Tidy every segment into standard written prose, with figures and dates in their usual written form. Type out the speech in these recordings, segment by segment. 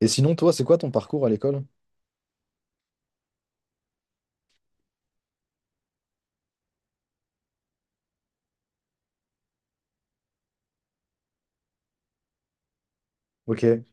Et sinon, toi, c'est quoi ton parcours à l'école? Ok.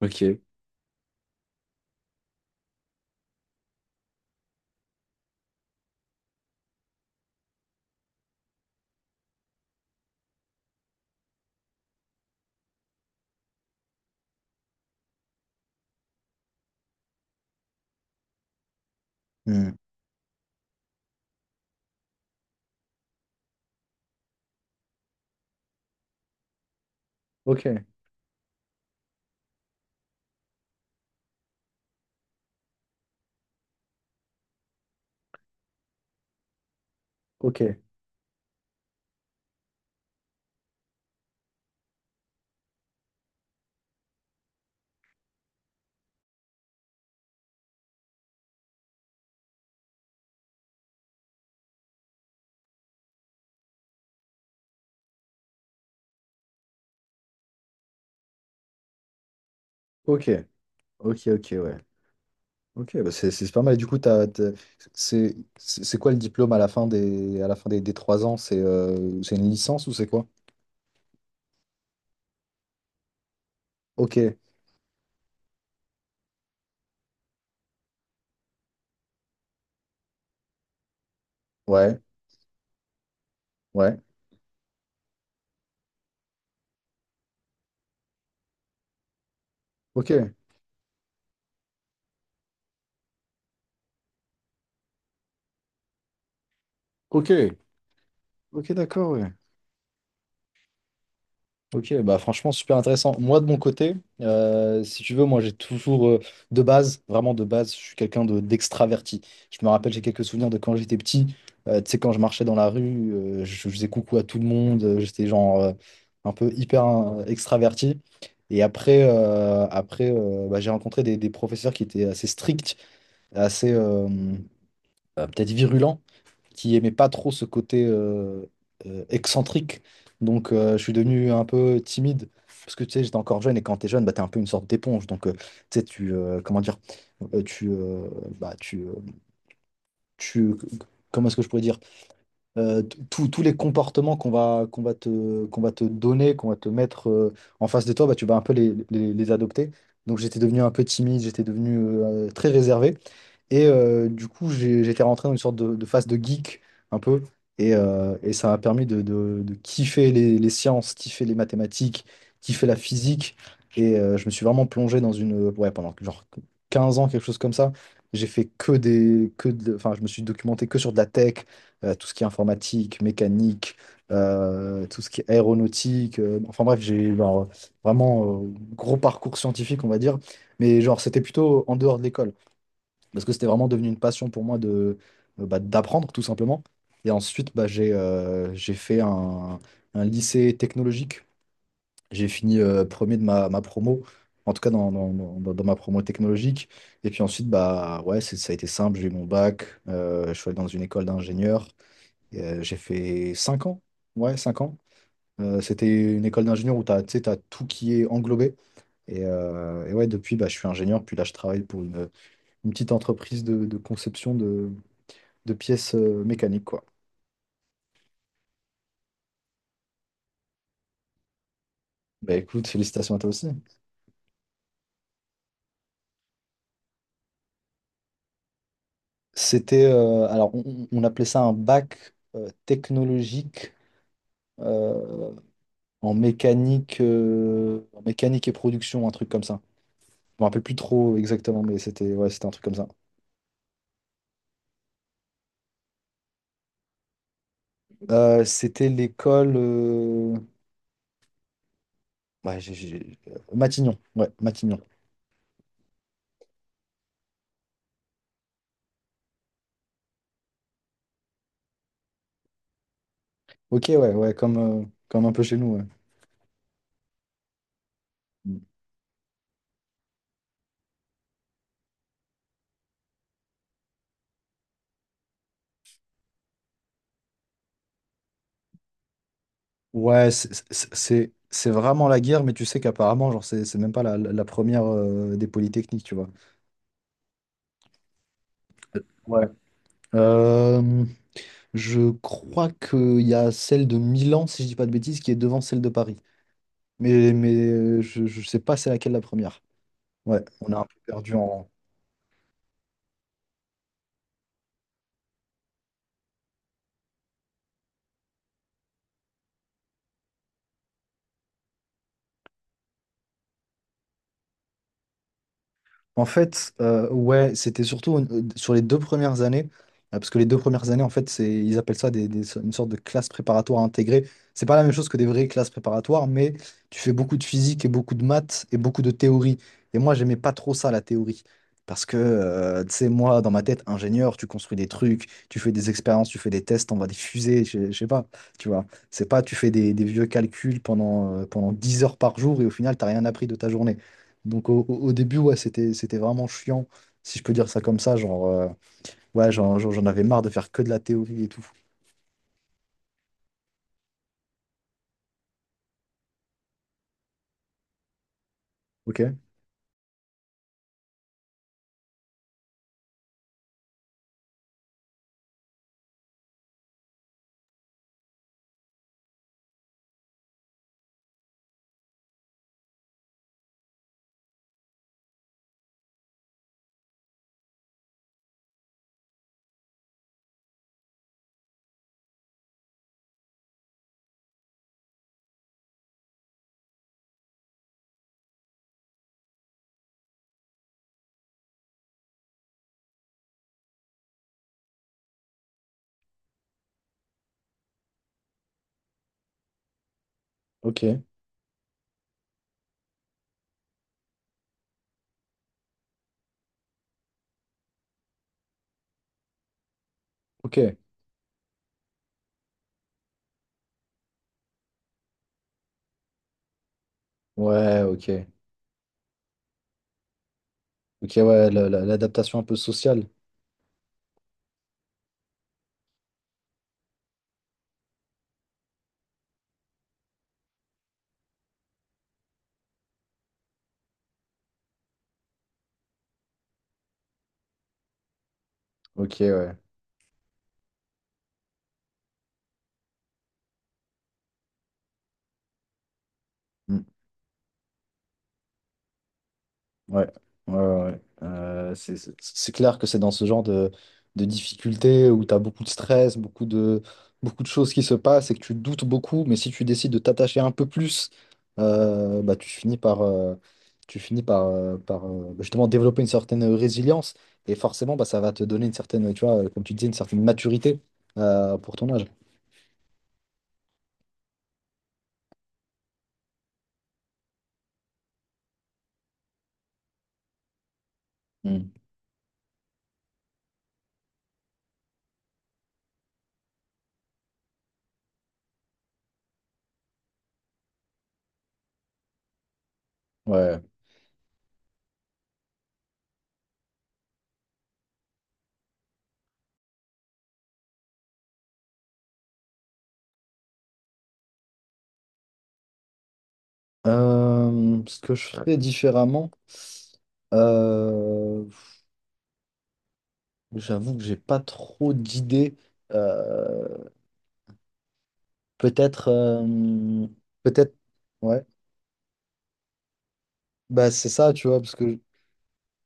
Ok. Hmm. Ok, ok, ok, ok, ok, ouais. Ok, bah c'est pas mal. Et du coup, c'est quoi le diplôme à la fin des trois ans? C'est une licence ou c'est quoi? Ok, ouais, ouais, ok, ok, ok, d'accord, ouais. Ok, bah franchement, super intéressant. Moi, de mon côté, si tu veux, moi, de base, vraiment de base, je suis quelqu'un d'extraverti. Je me rappelle, j'ai quelques souvenirs de quand j'étais petit. Tu sais, quand je marchais dans la rue, je faisais coucou à tout le monde. J'étais genre un peu hyper extraverti. Et après, bah, j'ai rencontré des professeurs qui étaient assez stricts, assez peut-être virulents qui aimait pas trop ce côté excentrique. Donc, je suis devenu un peu timide. Parce que tu sais, j'étais encore jeune et quand t'es jeune, bah, t'es un peu une sorte d'éponge. Donc, tu sais, tu. Comment dire? Tu. Bah, tu. Tu comment est-ce que je pourrais dire? Tous les comportements qu'on va te donner, qu'on va te mettre en face de toi, bah, tu vas un peu les adopter. Donc j'étais devenu un peu timide, j'étais devenu très réservé. Et du coup, j'étais rentré dans une sorte de phase de geek, un peu. Et ça m'a permis de kiffer les sciences, kiffer les mathématiques, kiffer la physique. Et je me suis vraiment plongé dans une... Ouais, pendant genre 15 ans, quelque chose comme ça. J'ai fait que des... enfin, je me suis documenté que sur de la tech, tout ce qui est informatique, mécanique, tout ce qui est aéronautique. Enfin bref, j'ai genre, vraiment gros parcours scientifique, on va dire. Mais genre, c'était plutôt en dehors de l'école, parce que c'était vraiment devenu une passion pour moi de bah, d'apprendre, tout simplement. Et ensuite, bah, j'ai fait un lycée technologique. J'ai fini premier de ma promo, en tout cas dans ma promo technologique. Et puis ensuite, bah, ouais, ça a été simple, j'ai eu mon bac, je suis allé dans une école d'ingénieur. Et, j'ai fait 5 ans. Ouais, 5 ans. C'était une école d'ingénieur où tu sais, t'as tout qui est englobé. Et ouais, depuis, bah, je suis ingénieur. Puis là, je travaille pour une petite entreprise de conception de pièces mécaniques, quoi. Bah écoute, félicitations à toi aussi. C'était, alors, on appelait ça un bac technologique euh, en mécanique et production, un truc comme ça. Je me rappelle plus trop exactement, mais c'était ouais, c'était un truc comme ça. C'était l'école. Ouais, Matignon, ouais, Matignon. Ok, ouais, ouais, comme, comme un peu chez nous, ouais. Mm. Ouais, c'est vraiment la guerre, mais tu sais qu'apparemment, genre, c'est même pas la première des polytechniques, tu vois. Ouais. Euh, je crois qu'il y a celle de Milan, si je dis pas de bêtises, qui est devant celle de Paris. Mais je sais pas c'est laquelle la première. Ouais, on a un peu perdu en, En fait, ouais, c'était surtout sur les 2 premières années, parce que les 2 premières années, en fait, c'est, ils appellent ça une sorte de classe préparatoire intégrée. C'est pas la même chose que des vraies classes préparatoires, mais tu fais beaucoup de physique et beaucoup de maths et beaucoup de théorie. Et moi, j'aimais pas trop ça, la théorie. Parce que, tu sais, moi, dans ma tête, ingénieur, tu construis des trucs, tu fais des expériences, tu fais des tests, on va des fusées, je sais pas, tu vois. C'est pas, tu fais des vieux calculs pendant, pendant 10 heures par jour et au final, t'as rien appris de ta journée. Donc au début, ouais, c'était vraiment chiant, si je peux dire ça comme ça, genre, ouais, j'en avais marre de faire que de la théorie et tout. Ok, ok, ok. Ouais, ok. Ok, ouais, l'adaptation un peu sociale. Ok, ouais. Ouais, ouais, ouais, ouais. C'est clair que c'est dans ce genre de difficultés où tu as beaucoup de stress, beaucoup de choses qui se passent et que tu doutes beaucoup, mais si tu décides de t'attacher un peu plus, bah, tu finis par justement développer une certaine résilience et forcément, bah, ça va te donner une certaine, tu vois, comme tu disais, une certaine maturité pour ton âge. Mm. Ouais. Ce que je ferais différemment. Euh, J'avoue que j'ai pas trop d'idées. Euh, Peut-être, peut-être, ouais. Bah, c'est ça, tu vois, parce que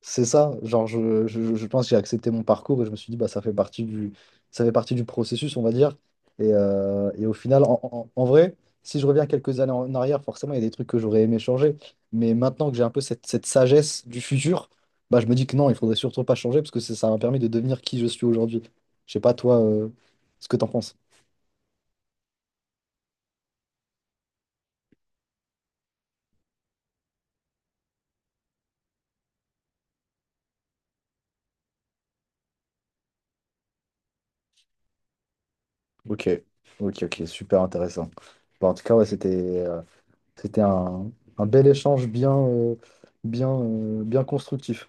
c'est ça. Genre, je pense que j'ai accepté mon parcours et je me suis dit, bah, ça fait partie du, ça fait partie du processus, on va dire. Et au final, en vrai, si je reviens quelques années en arrière, forcément, il y a des trucs que j'aurais aimé changer. Mais maintenant que j'ai un peu cette, cette sagesse du futur, bah, je me dis que non, il faudrait surtout pas changer parce que ça m'a permis de devenir qui je suis aujourd'hui. Je sais pas, toi, ce que t'en penses. Ok, ok, ok, super intéressant. Bon, en tout cas, ouais, c'était euh, c'était un bel échange bien, bien, bien constructif.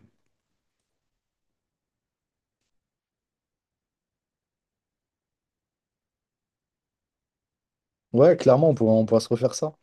Ouais, clairement, on pourra se refaire ça, hein.